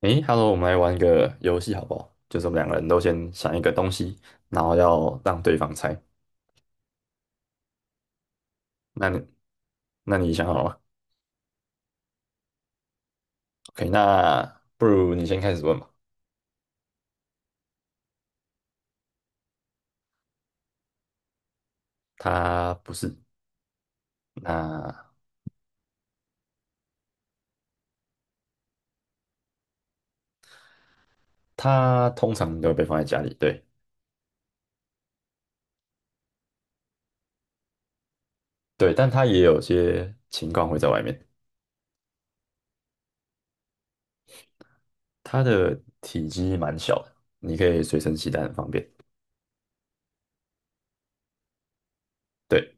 诶，Hello，我们来玩一个游戏好不好？就是我们两个人都先想一个东西，然后要让对方猜。那你，那你想好了吗？OK，那不如你先开始问吧。它不是，那它通常都会被放在家里，对，但它也有些情况会在外面。它的体积蛮小的，你可以随身携带，很方便。对，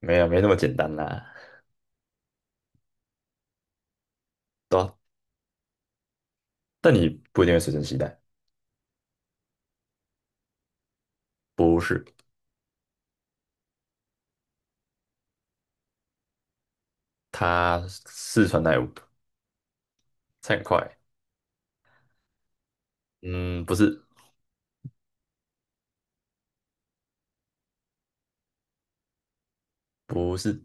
没有没那么简单啦，对啊，但你不一定会随身携带，不是，它是穿代物，猜很快。嗯，不是，不是，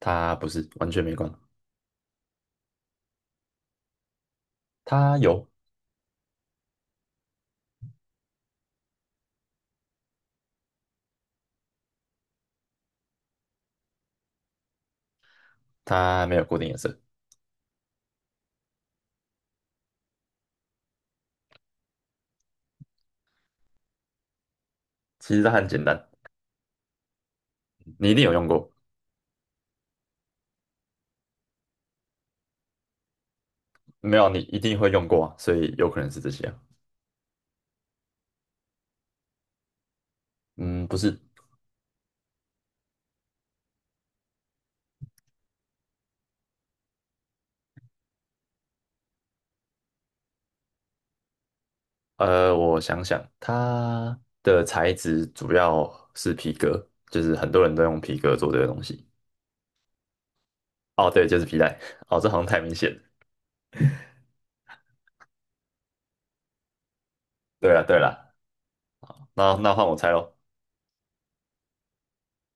它不是，完全没关。它有，它没有固定颜色。其实它很简单，你一定有用过，没有你一定会用过啊，所以有可能是这些啊。嗯，不是，我想想，它的材质主要是皮革，就是很多人都用皮革做这个东西。哦，对，就是皮带。哦，这好像太明显了。对了，对了，那换我猜喽。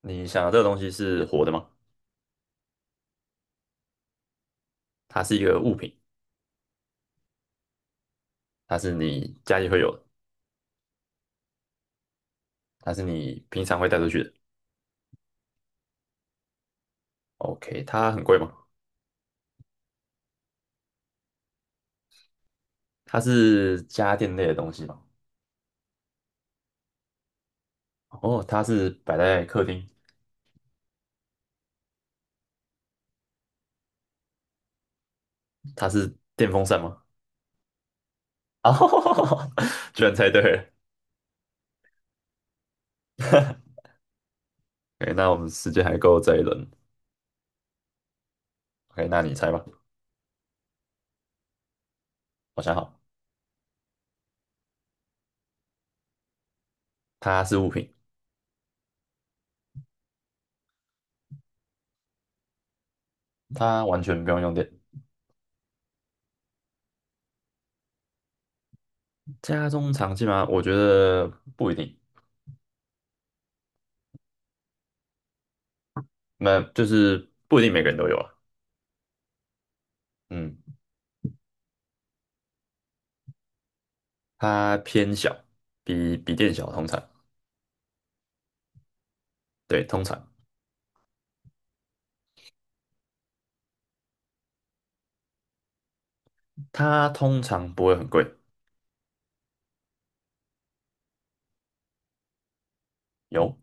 你想的这个东西是活的吗？它是一个物品，它是你家里会有的，它是你平常会带出去的。OK，它很贵吗？它是家电类的东西吗？哦，它是摆在客厅，它是电风扇吗？啊、居然猜对了。OK，那我们时间还够这一轮。OK，那你猜吧。我想好，它是物品，它完全不用用电。家中常见吗？我觉得不一定，那就是不一定每个人都有啊。嗯，它偏小，比电小，通常，对，通常，它通常不会很贵。有，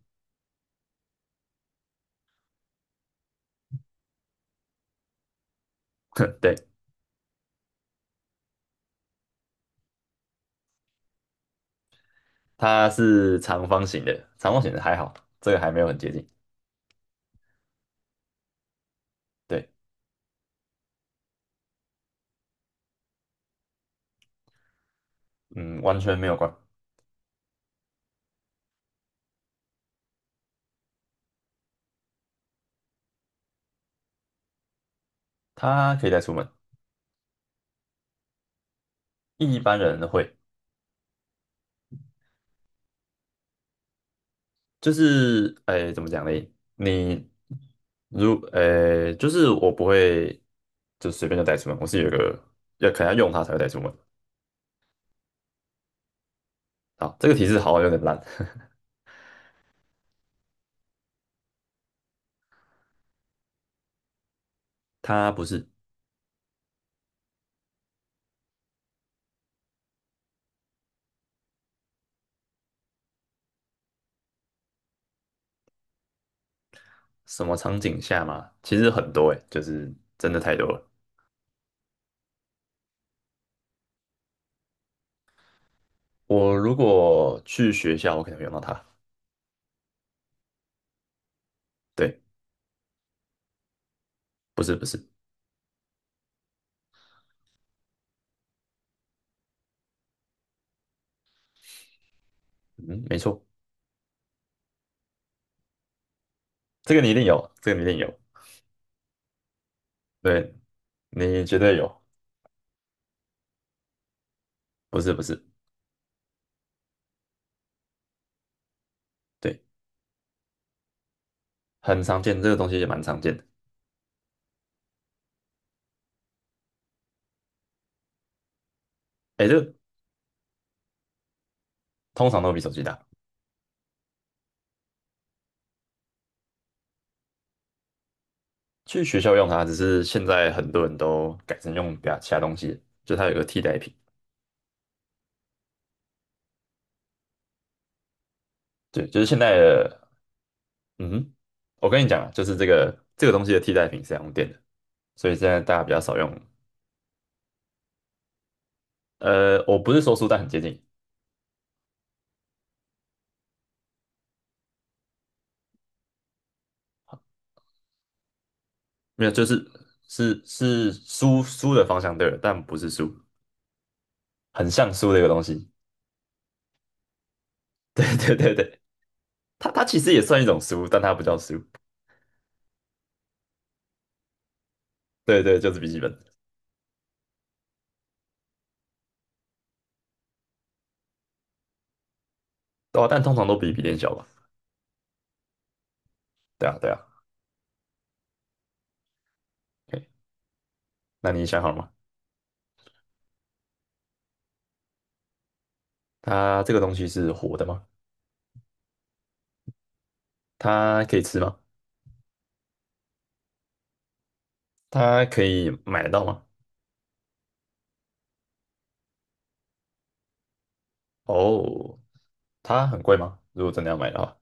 对，它是长方形的，长方形的还好，这个还没有很接近。对，嗯，完全没有关。它可以带出门，一般人会，就是，哎，怎么讲呢？你如，就是我不会，就随便就带出门，我是有一个要可能要用它才会带出门。好，这个提示好像有点烂。它不是什么场景下嘛，其实很多诶，就是真的太多了。我如果去学校，我可能会用到它。对，不是不是，嗯，没错。这个你一定有，对，你绝对有，不是不是，对，很常见，这个东西也蛮常见的，哎，这个通常都比手机大。去学校用它，只是现在很多人都改成用比他其他东西，就它有个替代品，对，就是现在的，嗯哼，我跟你讲啊，就是这个东西的替代品是要用电的，所以现在大家比较少用，我不是说书，但很接近，没有，就是是书的方向对了，但不是书，很像书的一个东西，对对对对。它它其实也算一种书，但它不叫书。对对，就是笔记本。哦，但通常都比笔电小吧？对啊，对啊。OK，那你想好了吗？它这个东西是活的吗？它可以吃吗？它可以买得到吗？哦，它很贵吗？如果真的要买的话，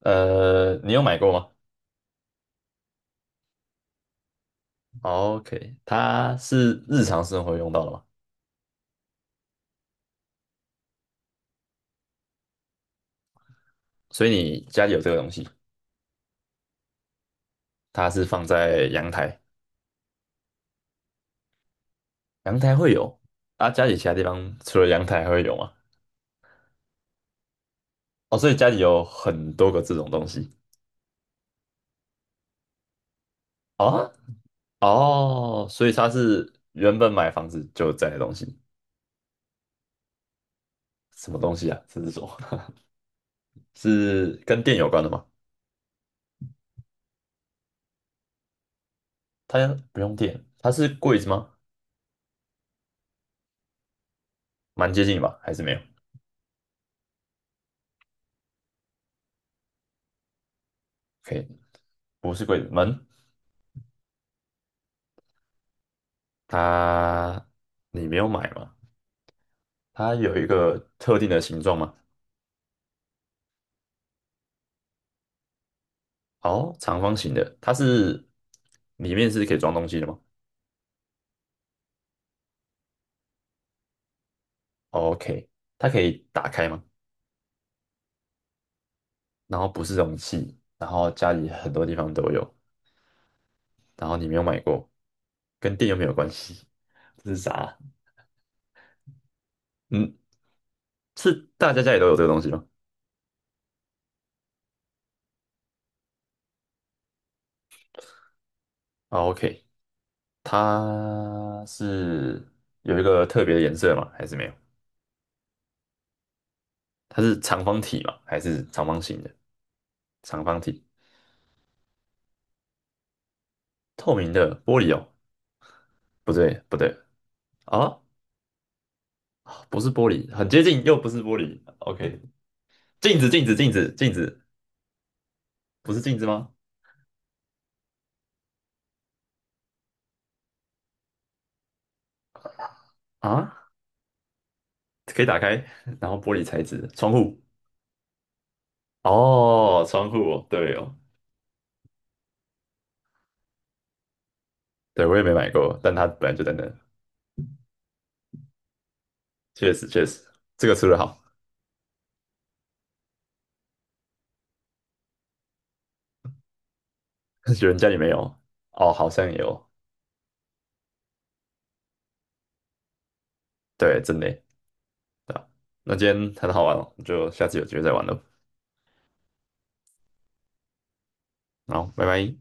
你有买过吗？哦？OK，它是日常生活用到的吗？所以你家里有这个东西，它是放在阳台，阳台会有，啊，家里其他地方除了阳台还会有吗？哦，所以家里有很多个这种东西。啊，哦，所以它是原本买房子就在的东西，什么东西啊？这是什么？是跟电有关的吗？它不用电，它是柜子吗？蛮接近吧，还是没有？OK，不是柜子，门，它你没有买吗？它有一个特定的形状吗？哦，长方形的，它是里面是可以装东西的吗？OK，它可以打开吗？然后不是容器，然后家里很多地方都有，然后你没有买过，跟电又没有关系。这是啥？嗯，是大家家里都有这个东西吗？啊，OK，它是有一个特别的颜色吗？还是没有？它是长方体吗？还是长方形的？长方体，透明的玻璃哦？不对，不对啊，不是玻璃，很接近，又不是玻璃。OK，镜子，镜子，镜子，镜子，不是镜子吗？啊，可以打开，然后玻璃材质窗户哦，窗户哦对哦，对，我也没买过，但它本来就在那，确实确实，这个出的好。有人家里没有哦，好像也有，对，真的耶，对啊，那今天很好玩哦，就下次有机会再玩了，好，拜拜。